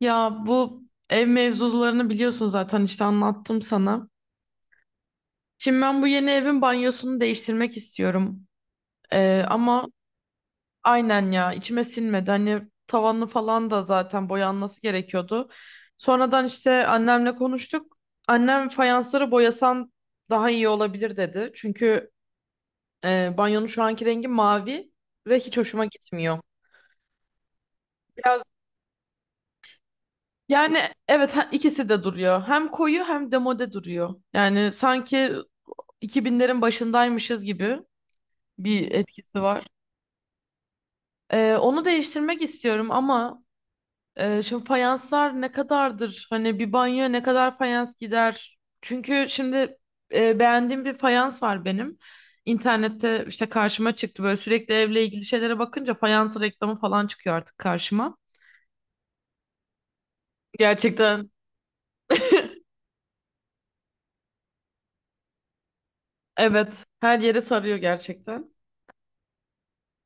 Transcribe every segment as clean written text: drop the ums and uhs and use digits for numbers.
Ya bu ev mevzularını biliyorsun zaten, işte anlattım sana. Şimdi ben bu yeni evin banyosunu değiştirmek istiyorum. Ama aynen ya, içime sinmedi. Hani tavanı falan da zaten boyanması gerekiyordu. Sonradan işte annemle konuştuk. Annem, fayansları boyasan daha iyi olabilir dedi. Çünkü banyonun şu anki rengi mavi ve hiç hoşuma gitmiyor. Biraz, yani evet, ikisi de duruyor. Hem koyu hem demode duruyor. Yani sanki 2000'lerin başındaymışız gibi bir etkisi var. Onu değiştirmek istiyorum, ama şimdi fayanslar ne kadardır? Hani bir banyoya ne kadar fayans gider? Çünkü şimdi beğendiğim bir fayans var benim. İnternette işte karşıma çıktı, böyle sürekli evle ilgili şeylere bakınca fayans reklamı falan çıkıyor artık karşıma. Gerçekten, evet, her yere sarıyor gerçekten.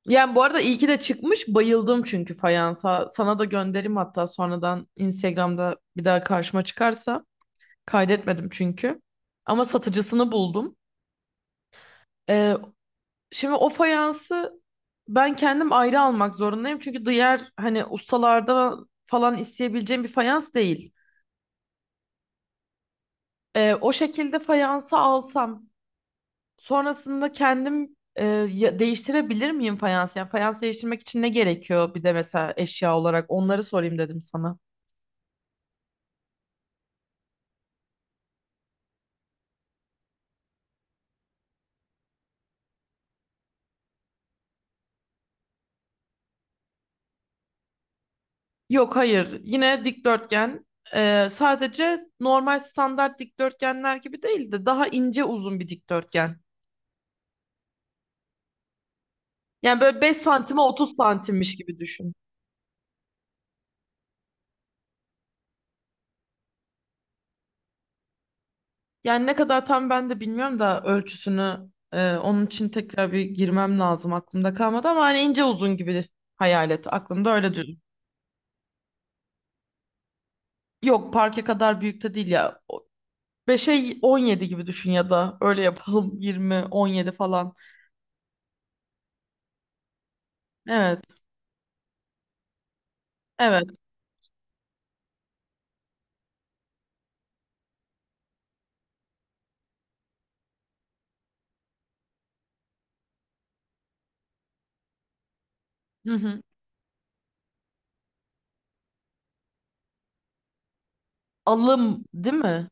Yani bu arada iyi ki de çıkmış. Bayıldım çünkü fayansa. Sana da gönderim hatta sonradan Instagram'da bir daha karşıma çıkarsa. Kaydetmedim çünkü. Ama satıcısını buldum. Ee, şimdi o fayansı ben kendim ayrı almak zorundayım. Çünkü diğer, hani, ustalarda falan isteyebileceğim bir fayans değil. O şekilde fayansı alsam, sonrasında kendim, değiştirebilir miyim fayansı? Yani fayans değiştirmek için ne gerekiyor, bir de mesela eşya olarak onları sorayım dedim sana. Yok, hayır, yine dikdörtgen. Sadece normal standart dikdörtgenler gibi değil de daha ince uzun bir dikdörtgen. Yani böyle 5 santime 30 santimmiş gibi düşün. Yani ne kadar tam ben de bilmiyorum da ölçüsünü, onun için tekrar bir girmem lazım, aklımda kalmadı. Ama hani ince uzun gibi hayal et, aklımda öyle düşün. Yok, parke kadar büyük de değil ya. 5'e 17 gibi düşün, ya da öyle yapalım, 20 17 falan. Evet, evet. Hı hı. Alım değil mi?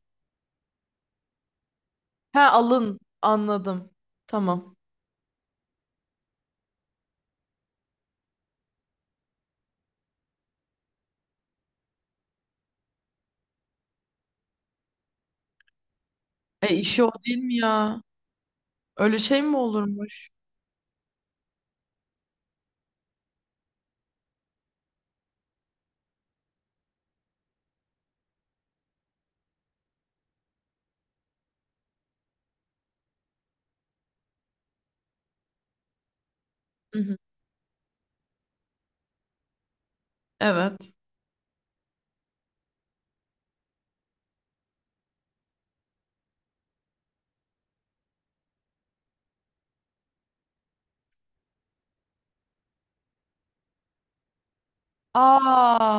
He, alın, anladım. Tamam. E, işi o değil mi ya? Öyle şey mi olurmuş? Hı hı. Evet. Aa,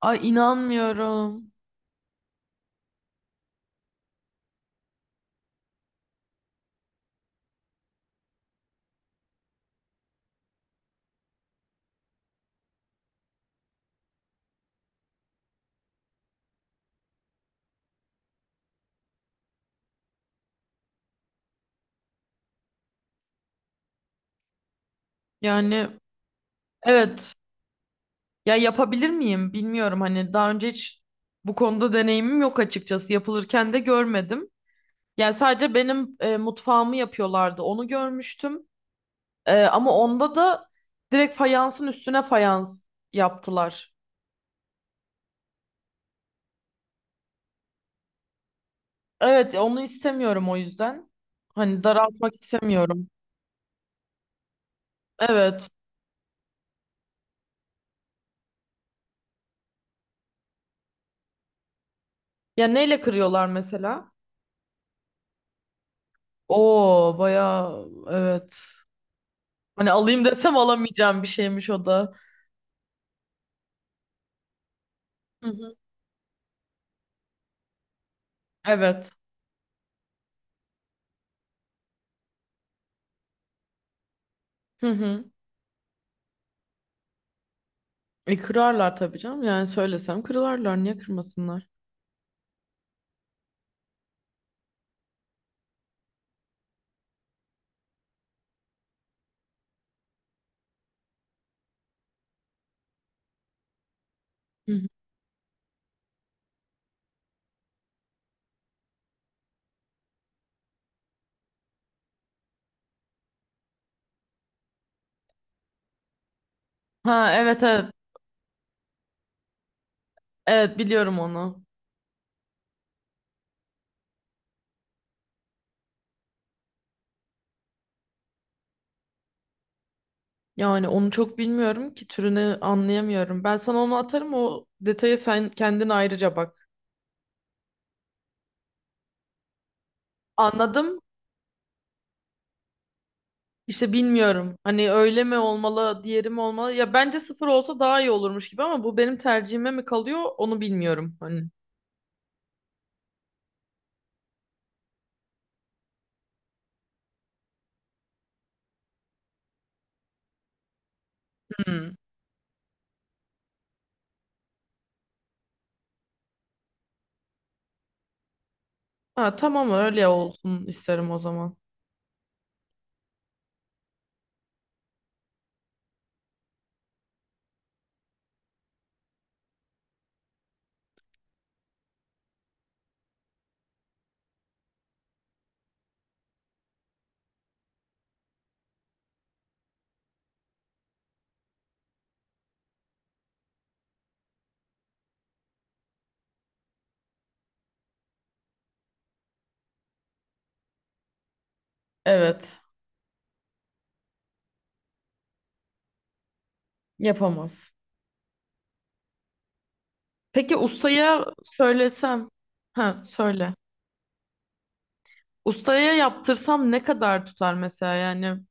ay, inanmıyorum. Yani evet. Ya, yapabilir miyim bilmiyorum. Hani daha önce hiç bu konuda deneyimim yok açıkçası. Yapılırken de görmedim. Yani sadece benim mutfağımı yapıyorlardı. Onu görmüştüm. Ama onda da direkt fayansın üstüne fayans yaptılar. Evet, onu istemiyorum o yüzden. Hani daraltmak istemiyorum. Evet. Ya neyle kırıyorlar mesela? Oo, bayağı, evet. Hani alayım desem alamayacağım bir şeymiş o da. Hı hı. Evet. Hı hı. E, kırarlar tabii canım. Yani söylesem kırarlar. Niye kırmasınlar? Hı hı. Ha, evet, evet. Evet, biliyorum onu. Yani onu çok bilmiyorum ki türünü anlayamıyorum. Ben sana onu atarım o detaya, sen kendin ayrıca bak. Anladım. İşte bilmiyorum. Hani öyle mi olmalı, diğeri mi olmalı? Ya bence sıfır olsa daha iyi olurmuş gibi, ama bu benim tercihime mi kalıyor onu bilmiyorum. Hani. Hmm. Ha, tamam, öyle olsun isterim o zaman. Evet. Yapamaz. Peki, ustaya söylesem. Ha, söyle. Ustaya yaptırsam ne kadar tutar mesela, yani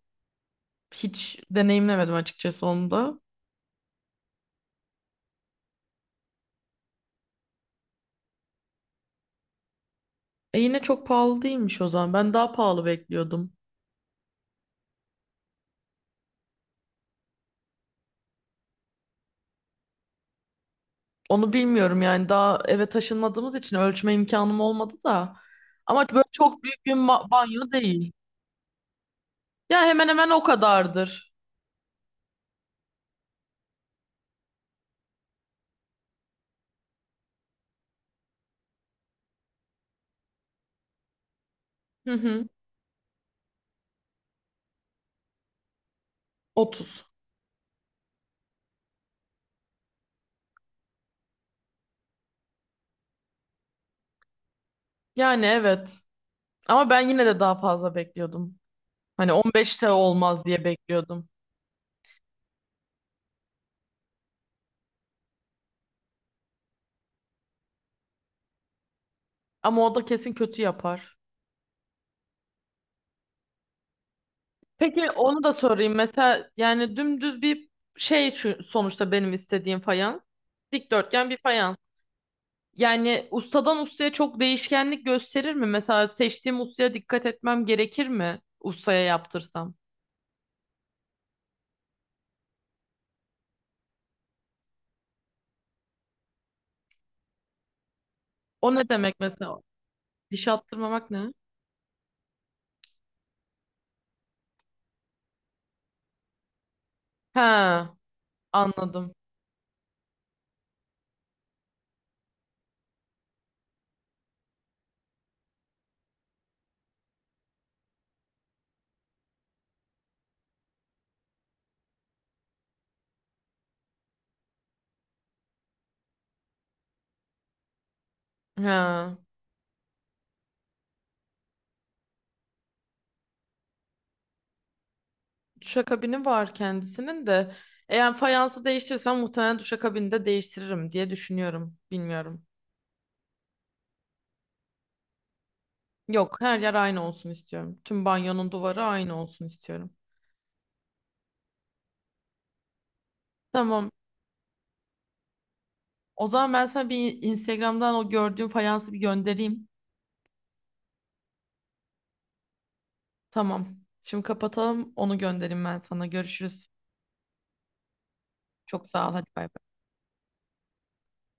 hiç deneyimlemedim açıkçası onu da. E, yine çok pahalı değilmiş o zaman. Ben daha pahalı bekliyordum. Onu bilmiyorum, yani daha eve taşınmadığımız için ölçme imkanım olmadı da. Ama böyle çok büyük bir banyo değil. Ya, hemen hemen o kadardır. Hı hı. 30. Yani evet. Ama ben yine de daha fazla bekliyordum. Hani 15'te olmaz diye bekliyordum. Ama o da kesin kötü yapar. Peki, onu da sorayım. Mesela, yani dümdüz bir şey, sonuçta benim istediğim fayans. Dikdörtgen bir fayans. Yani ustadan ustaya çok değişkenlik gösterir mi? Mesela seçtiğim ustaya dikkat etmem gerekir mi? Ustaya yaptırsam. O ne demek mesela? Diş attırmamak ne? Ha, anladım. He. Duşakabini var kendisinin de. Eğer fayansı değiştirsem muhtemelen duşakabini de değiştiririm diye düşünüyorum. Bilmiyorum. Yok, her yer aynı olsun istiyorum. Tüm banyonun duvarı aynı olsun istiyorum. Tamam. O zaman ben sana bir Instagram'dan o gördüğüm fayansı bir göndereyim. Tamam. Şimdi kapatalım. Onu göndereyim ben sana. Görüşürüz. Çok sağ ol. Hadi bay bay.